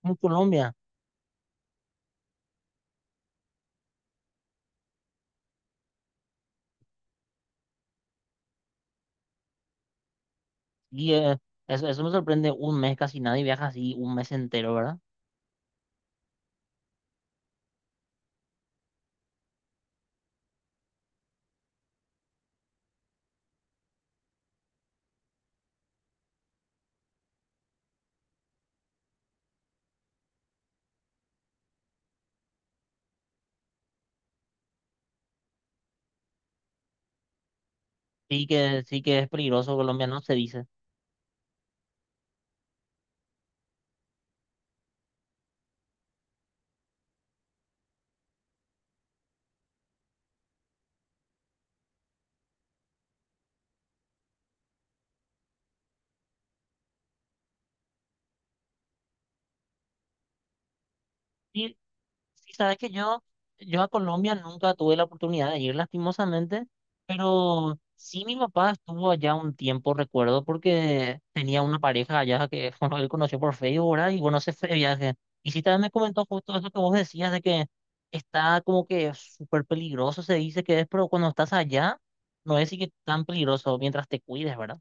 Como Colombia. Y eso me sorprende, un mes casi nadie viaja así, un mes entero, ¿verdad? Sí que es peligroso Colombia, no se dice. Sí, sí, sabes que yo a Colombia nunca tuve la oportunidad de ir lastimosamente, pero sí mi papá estuvo allá un tiempo, recuerdo, porque tenía una pareja allá que bueno, él conoció por Facebook, ¿verdad? Y bueno, se fue de viaje. Y sí también me comentó justo eso que vos decías de que está como que súper peligroso, se dice que es, pero cuando estás allá no es así que tan peligroso mientras te cuides, ¿verdad?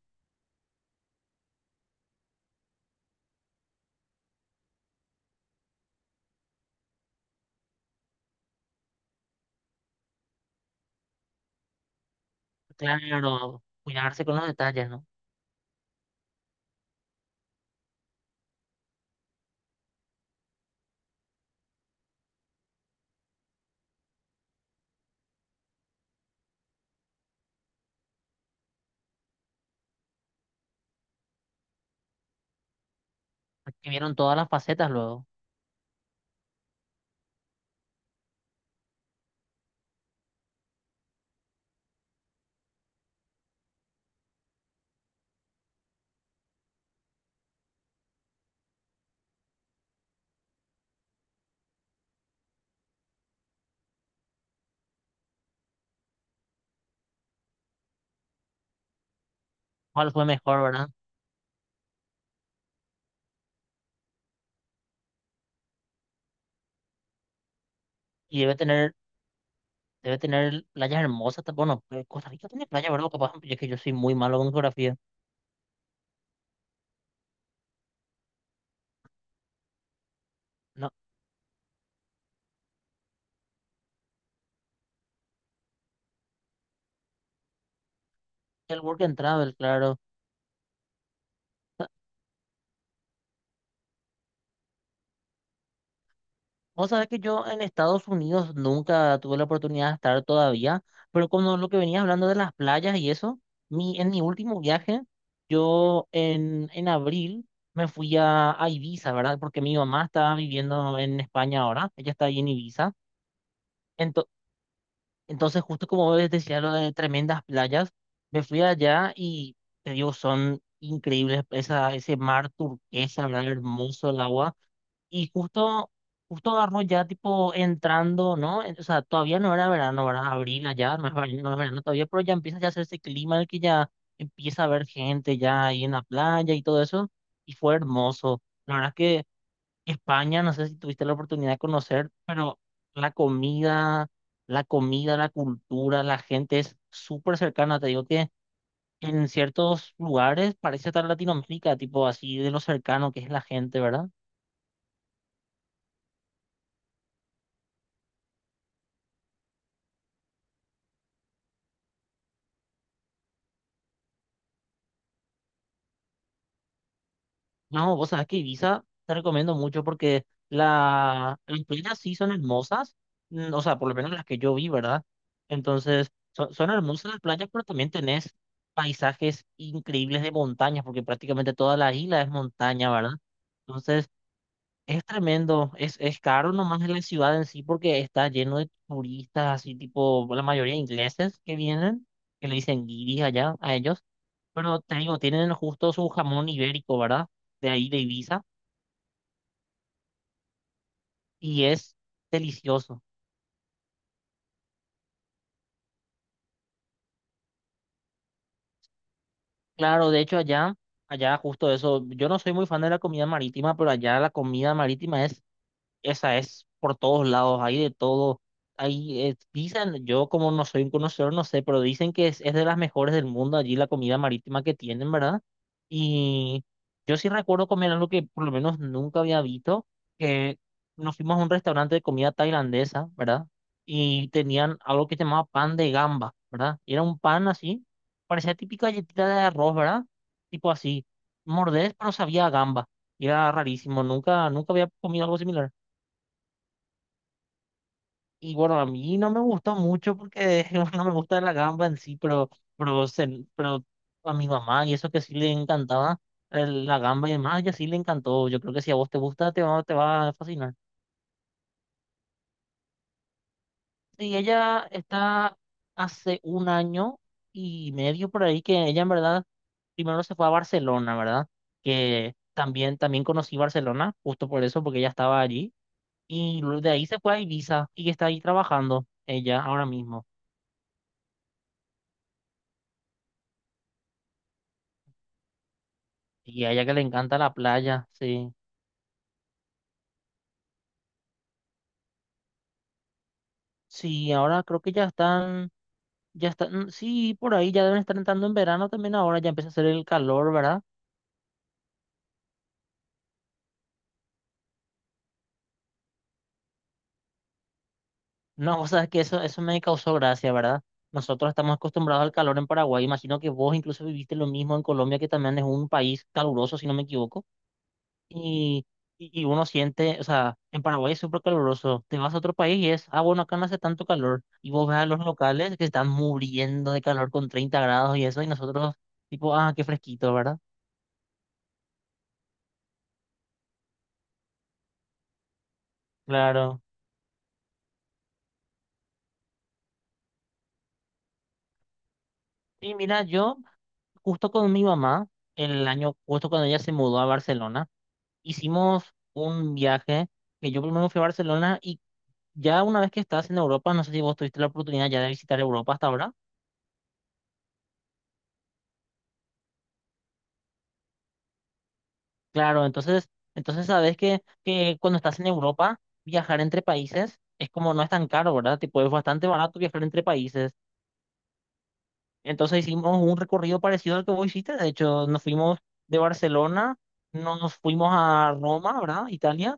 Claro, cuidarse con los detalles, ¿no? Porque vieron todas las facetas luego. ¿Cuál fue mejor, verdad? Y debe tener Debe tener playas hermosas. Bueno, Costa Rica tiene playas, ¿verdad? Capaz, es que yo soy muy malo con geografía. No, el Work and Travel, claro. Ta- Vos sabés que yo en Estados Unidos nunca tuve la oportunidad de estar todavía, pero como lo que venías hablando de las playas y eso, en mi último viaje, yo en abril me fui a Ibiza, ¿verdad? Porque mi mamá estaba viviendo en España ahora, ella está ahí en Ibiza. Entonces, justo como vos decías lo de tremendas playas, me fui allá y te digo, son increíbles ese mar turquesa, ¿verdad? Hermoso el agua. Y justo agarró ya tipo entrando, ¿no? O sea, todavía no era verano, ¿verdad? Abril allá, no es verano, no es verano todavía, pero ya empieza ya a hacer ese clima en el que ya empieza a haber gente ya ahí en la playa y todo eso. Y fue hermoso. La verdad que España, no sé si tuviste la oportunidad de conocer, pero la comida, la comida, la cultura, la gente es súper cercana. Te digo que en ciertos lugares parece estar Latinoamérica, tipo así de lo cercano que es la gente, ¿verdad? No, vos sabés que Ibiza te recomiendo mucho porque la, las playas sí son hermosas, o sea, por lo menos las que yo vi, ¿verdad? Entonces, son hermosas las playas, pero también tenés paisajes increíbles de montañas, porque prácticamente toda la isla es montaña, ¿verdad? Entonces, es tremendo, es caro nomás en la ciudad en sí porque está lleno de turistas, así tipo la mayoría ingleses que vienen, que le dicen guiris allá a ellos, pero te digo, tienen justo su jamón ibérico, ¿verdad? De ahí de Ibiza y es delicioso. Claro, de hecho allá justo eso, yo no soy muy fan de la comida marítima, pero allá la comida marítima es por todos lados, hay de todo. Hay, dicen, yo como no soy un conocedor, no sé, pero dicen que es de las mejores del mundo allí la comida marítima que tienen, ¿verdad? Y yo sí recuerdo comer algo que por lo menos nunca había visto, que nos fuimos a un restaurante de comida tailandesa, ¿verdad? Y tenían algo que se llamaba pan de gamba, ¿verdad? Y era un pan así, parecía típica galletita de arroz, ¿verdad? Tipo así, mordés, pero sabía a gamba. Y era rarísimo, nunca, nunca había comido algo similar. Y bueno, a mí no me gustó mucho porque no me gusta la gamba en sí, pero a mi mamá y eso que sí le encantaba la gamba y demás, ella sí le encantó. Yo creo que si a vos te gusta, te va a fascinar. Sí, ella está hace un año y medio por ahí que ella en verdad primero se fue a Barcelona, ¿verdad? Que también, también conocí Barcelona, justo por eso, porque ella estaba allí. Y luego de ahí se fue a Ibiza y está ahí trabajando ella ahora mismo. Y a ella que le encanta la playa, sí. Sí, ahora creo que ya están, sí, por ahí ya deben estar entrando en verano también ahora, ya empieza a hacer el calor, ¿verdad? No, o sea, es que eso me causó gracia, ¿verdad? Nosotros estamos acostumbrados al calor en Paraguay, imagino que vos incluso viviste lo mismo en Colombia, que también es un país caluroso, si no me equivoco. y, y uno siente, o sea, en Paraguay es súper caluroso, te vas a otro país y es, ah, bueno, acá no hace tanto calor, y vos ves a los locales que están muriendo de calor con 30 grados y eso, y nosotros, tipo, ah, qué fresquito, ¿verdad? Claro. Y mira, yo, justo con mi mamá, el año, justo cuando ella se mudó a Barcelona, hicimos un viaje, que yo primero fui a Barcelona, y ya una vez que estás en Europa, no sé si vos tuviste la oportunidad ya de visitar Europa hasta ahora. Claro, entonces sabes que cuando estás en Europa, viajar entre países es como no es tan caro, ¿verdad? Tipo, es bastante barato viajar entre países. Entonces hicimos un recorrido parecido al que vos hiciste. De hecho, nos fuimos de Barcelona, nos fuimos a Roma, ¿verdad? Italia.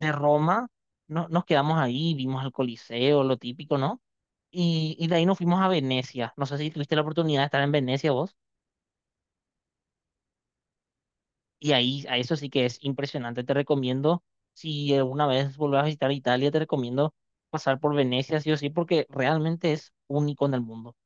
De Roma no, nos quedamos ahí, vimos el Coliseo, lo típico, ¿no? Y de ahí nos fuimos a Venecia. No sé si tuviste la oportunidad de estar en Venecia vos. Y ahí, a eso sí que es impresionante. Te recomiendo, si alguna vez vuelves a visitar Italia, te recomiendo pasar por Venecia, sí o sí, porque realmente es único en el mundo.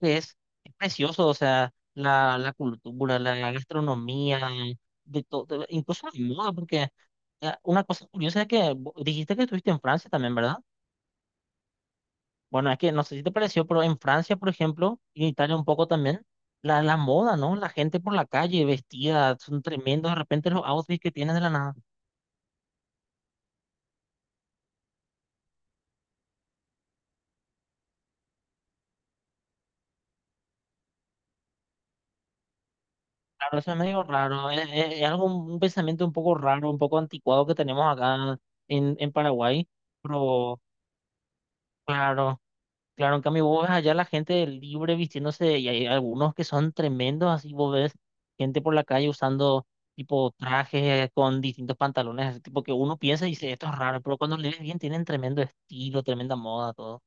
Es, es precioso, o sea, la cultura, la gastronomía, de todo, incluso la moda, porque una cosa curiosa es que dijiste que estuviste en Francia también, ¿verdad? Bueno, es que no sé si te pareció, pero en Francia, por ejemplo, y en Italia un poco también, la moda, ¿no? La gente por la calle vestida, son tremendos de repente los outfits que tienen de la nada. Claro, eso es medio raro, es algo, un pensamiento un poco raro, un poco anticuado que tenemos acá en Paraguay, pero claro, claro, en cambio vos ves allá la gente libre vistiéndose y hay algunos que son tremendos, así vos ves gente por la calle usando tipo trajes con distintos pantalones, así, tipo que uno piensa y dice, esto es raro, pero cuando lees bien tienen tremendo estilo, tremenda moda, todo.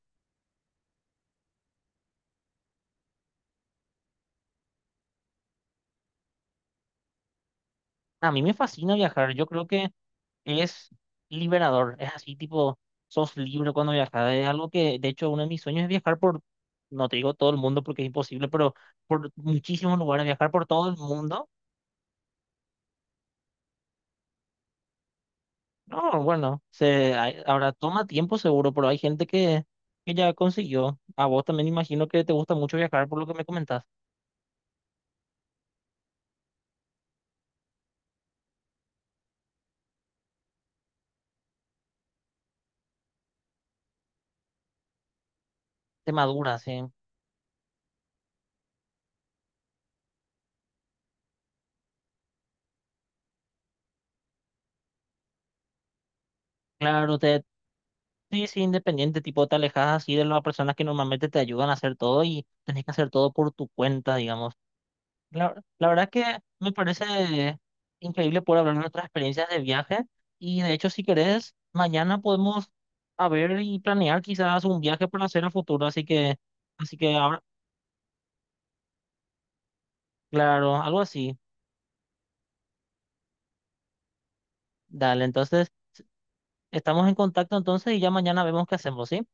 A mí me fascina viajar, yo creo que es liberador, es así tipo, sos libre cuando viajas, es algo que de hecho uno de mis sueños es viajar por, no te digo todo el mundo porque es imposible, pero por muchísimos lugares, viajar por todo el mundo, no, bueno, se, hay- ahora toma tiempo seguro, pero hay gente que, ya consiguió, a vos también imagino que te gusta mucho viajar por lo que me comentás, te maduras, sí, claro, te... Sí, sí, independiente, tipo, te alejas así de las personas que normalmente te ayudan a hacer todo y tenés que hacer todo por tu cuenta, digamos. La verdad que me parece increíble poder hablar de nuestras experiencias de viaje y de hecho si querés, mañana podemos a ver y planear quizás un viaje para hacer a futuro, así que, ahora, claro, algo así. Dale, entonces estamos en contacto entonces y ya mañana vemos qué hacemos, ¿sí?